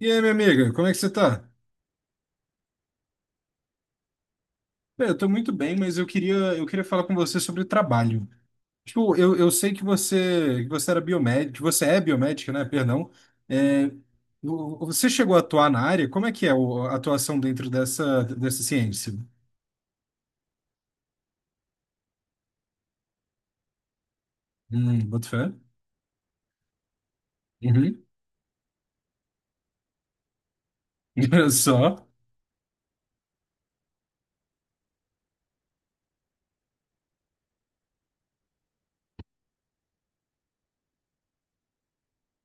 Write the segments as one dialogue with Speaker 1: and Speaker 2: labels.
Speaker 1: E aí, minha amiga, como é que você tá? Bem, eu tô muito bem, mas eu queria falar com você sobre trabalho. Tipo, eu sei que que você era biomédico, que você é biomédica, né? Perdão. É, Você chegou a atuar na área? Como é que é a atuação dentro dessa, dessa ciência? Boto fé. Uhum. Só.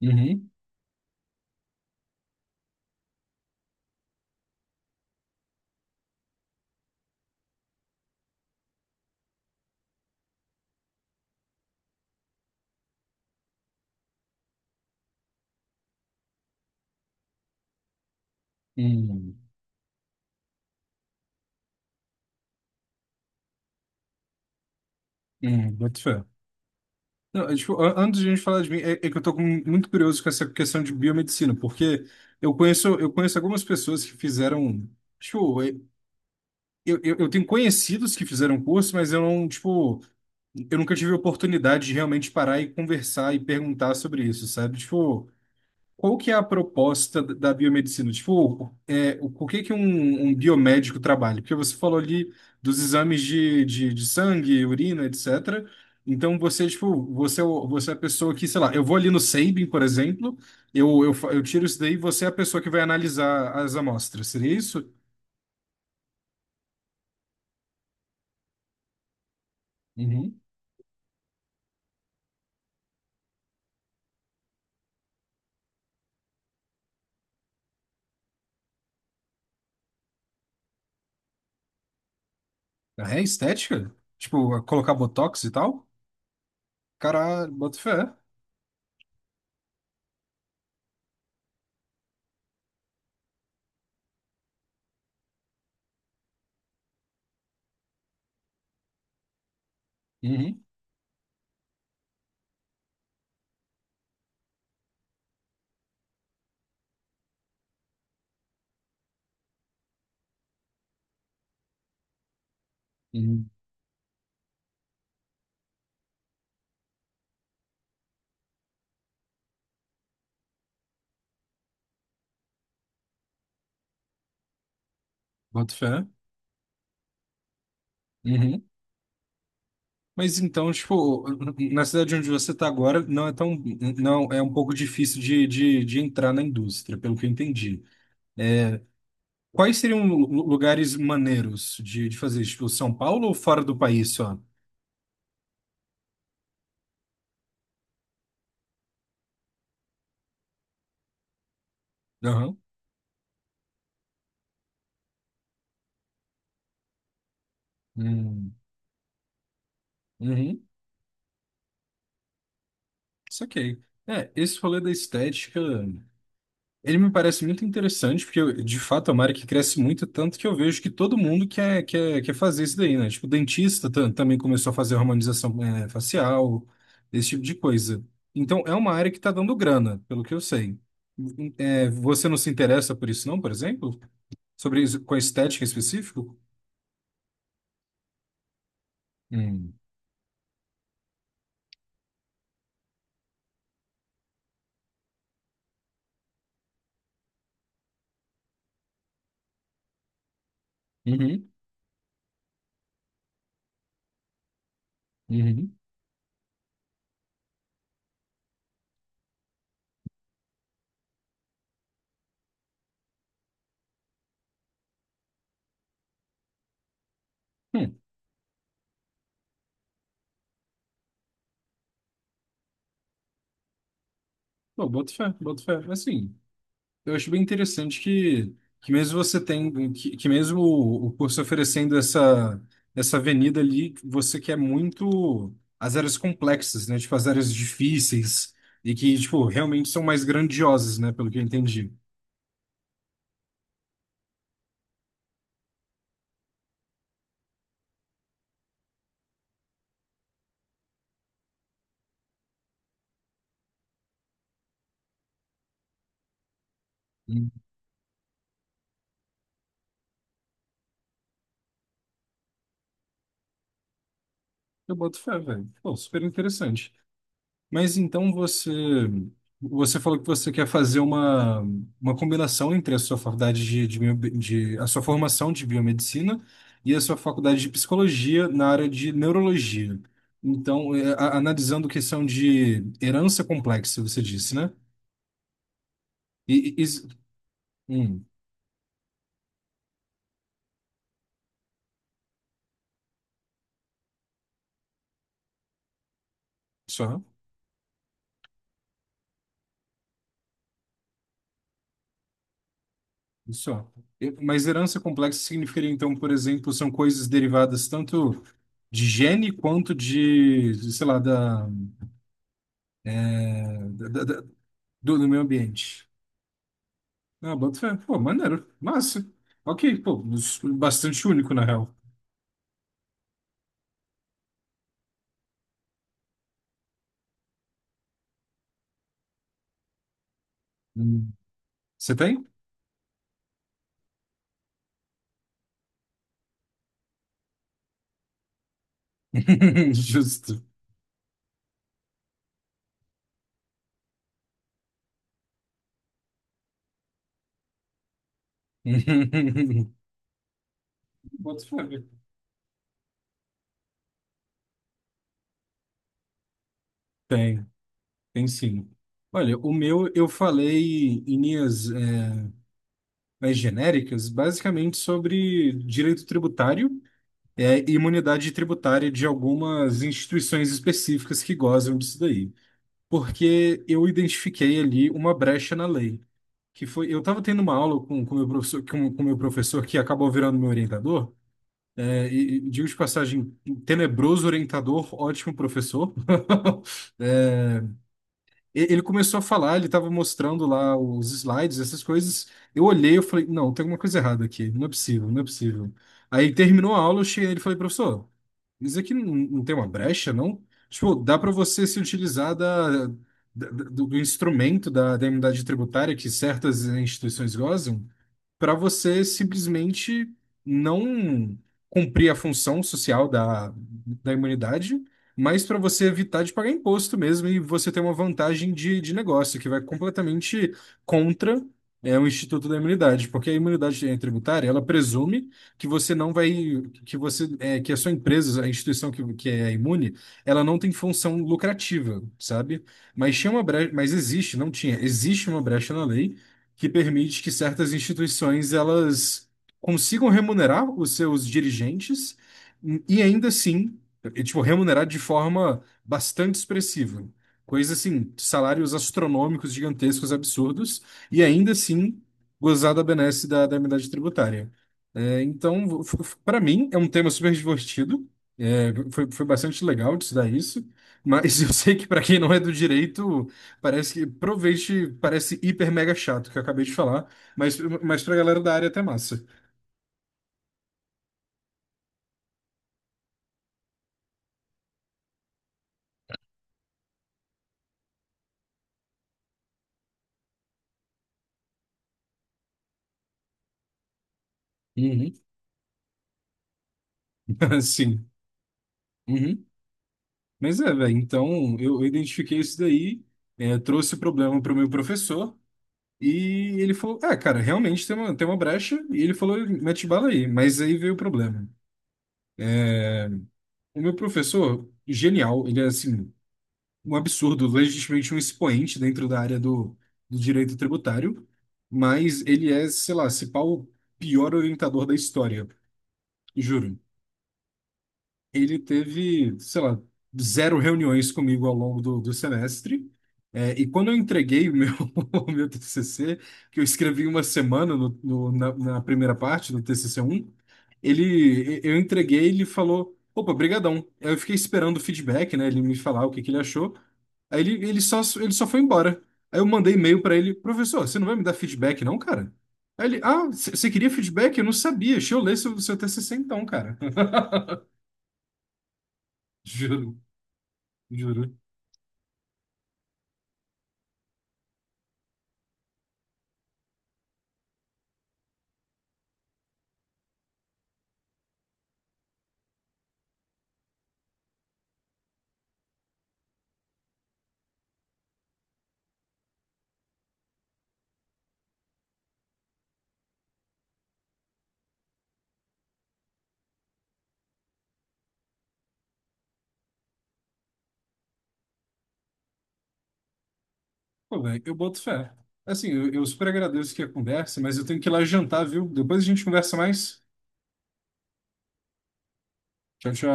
Speaker 1: Uhum. Hum, hum, boto fé. Não, é, tipo, antes de a gente falar de mim, é, é que eu tô muito curioso com essa questão de biomedicina, porque eu conheço algumas pessoas que fizeram. Show. Eu tenho conhecidos que fizeram curso, mas eu não, tipo, eu nunca tive a oportunidade de realmente parar e conversar e perguntar sobre isso, sabe? Tipo, qual que é a proposta da biomedicina? Tipo, é, o por que que um biomédico trabalha? Porque você falou ali dos exames de sangue, urina, etc. Então você, tipo, você, é você é a pessoa que, sei lá, eu vou ali no Sabin, por exemplo, eu tiro isso daí e você é a pessoa que vai analisar as amostras, seria isso? É estética? Tipo, colocar botox e tal? Caralho, boto fé. Uhum, uhum, boto fé. Uhum. Mas então, tipo, na cidade onde você está agora, não é tão, não, é um pouco difícil de entrar na indústria, pelo que eu entendi. Quais seriam lugares maneiros de fazer? Tipo, São Paulo ou fora do país só? Aham. Uhum. Uhum. Saquei. É, esse rolê da estética. Ele me parece muito interessante, porque de fato é uma área que cresce muito, tanto que eu vejo que todo mundo quer fazer isso daí, né? Tipo, o dentista também começou a fazer harmonização facial, esse tipo de coisa. Então, é uma área que está dando grana, pelo que eu sei. Você não se interessa por isso, não, por exemplo? Sobre isso, com a estética em específico? Hum. Uhum. Uhum. Hum. Pô, boto fé. Assim. Eu acho bem interessante que mesmo você tem, que mesmo o curso oferecendo essa, essa avenida ali, você quer muito as áreas complexas, né? Tipo, as áreas difíceis e que, tipo, realmente são mais grandiosas, né? Pelo que eu entendi. Hum. Eu boto fé, velho. Pô, super interessante. Mas então você, você falou que você quer fazer uma combinação entre a sua faculdade a sua formação de biomedicina e a sua faculdade de psicologia na área de neurologia. Então, é, analisando questão de herança complexa, você disse, né? E, e, e- hum, só, só. Mas herança complexa significaria, então, por exemplo, são coisas derivadas tanto de gene quanto de, sei lá, da, da- da- do do meio ambiente. Ah, boto fé. Pô, maneiro. Massa. Ok, pô, mas bastante único, na real. Hum. Você tem? Justo. Boto fé. Tem, tem sim. Olha, o meu eu falei em linhas mais genéricas, basicamente sobre direito tributário e imunidade tributária de algumas instituições específicas que gozam disso daí. Porque eu identifiquei ali uma brecha na lei. Que foi, eu estava tendo uma aula com meu professor, com meu professor que acabou virando meu orientador. É, e digo de passagem, tenebroso orientador, ótimo professor. É, ele começou a falar, ele estava mostrando lá os slides, essas coisas. Eu olhei, eu falei, não, tem alguma coisa errada aqui, não é possível, não é possível. Aí terminou a aula, eu cheguei nele e falei, professor, mas aqui não, não tem uma brecha, não? Tipo, dá para você se utilizar da, do instrumento da, da imunidade tributária que certas instituições gozam para você simplesmente não cumprir a função social da, da imunidade, mas para você evitar de pagar imposto mesmo e você ter uma vantagem de negócio que vai completamente contra o Instituto da Imunidade, porque a imunidade tributária, ela presume que você não vai, que você, é, que a sua empresa, a instituição que é imune, ela não tem função lucrativa, sabe? Mas tinha uma brecha, mas existe, não tinha, existe uma brecha na lei que permite que certas instituições elas consigam remunerar os seus dirigentes e ainda assim, e, tipo, remunerar de forma bastante expressiva. Coisa assim, salários astronômicos, gigantescos, absurdos, e ainda assim gozar da benesse da, da imunidade tributária. É, então, para mim, é um tema super divertido. É, foi, foi bastante legal de estudar isso. Mas eu sei que para quem não é do direito, parece que provavelmente parece hiper mega chato que eu acabei de falar, mas pra galera da área é até massa. Uhum. Sim. Uhum. Mas é, velho, então eu identifiquei isso daí, é, trouxe o problema pro meu professor e ele falou: Ah, cara, realmente tem uma brecha. E ele falou: Mete bala aí. Mas aí veio o problema. O meu professor, genial, ele é assim. Um absurdo, legitimamente um expoente dentro da área do, do direito tributário, mas ele é, sei lá, se pá, o pior orientador da história, juro. Ele teve, sei lá, zero reuniões comigo ao longo do, do semestre. É, e quando eu entreguei o meu, o meu TCC, que eu escrevi em uma semana no, na, na primeira parte do TCC um ele, eu entreguei, ele falou, opa, brigadão. Aí eu fiquei esperando o feedback, né? Ele me falar o que que ele achou. Aí ele, ele só foi embora. Aí eu mandei e-mail pra ele, professor, você não vai me dar feedback não, cara? Aí ele, ah, você queria feedback? Eu não sabia. Deixa eu ler seu, seu TCC então, cara. Juro, Juro. Pô, velho, eu boto fé. Assim, eu super agradeço aqui a conversa, mas eu tenho que ir lá jantar, viu? Depois a gente conversa mais. Tchau, tchau.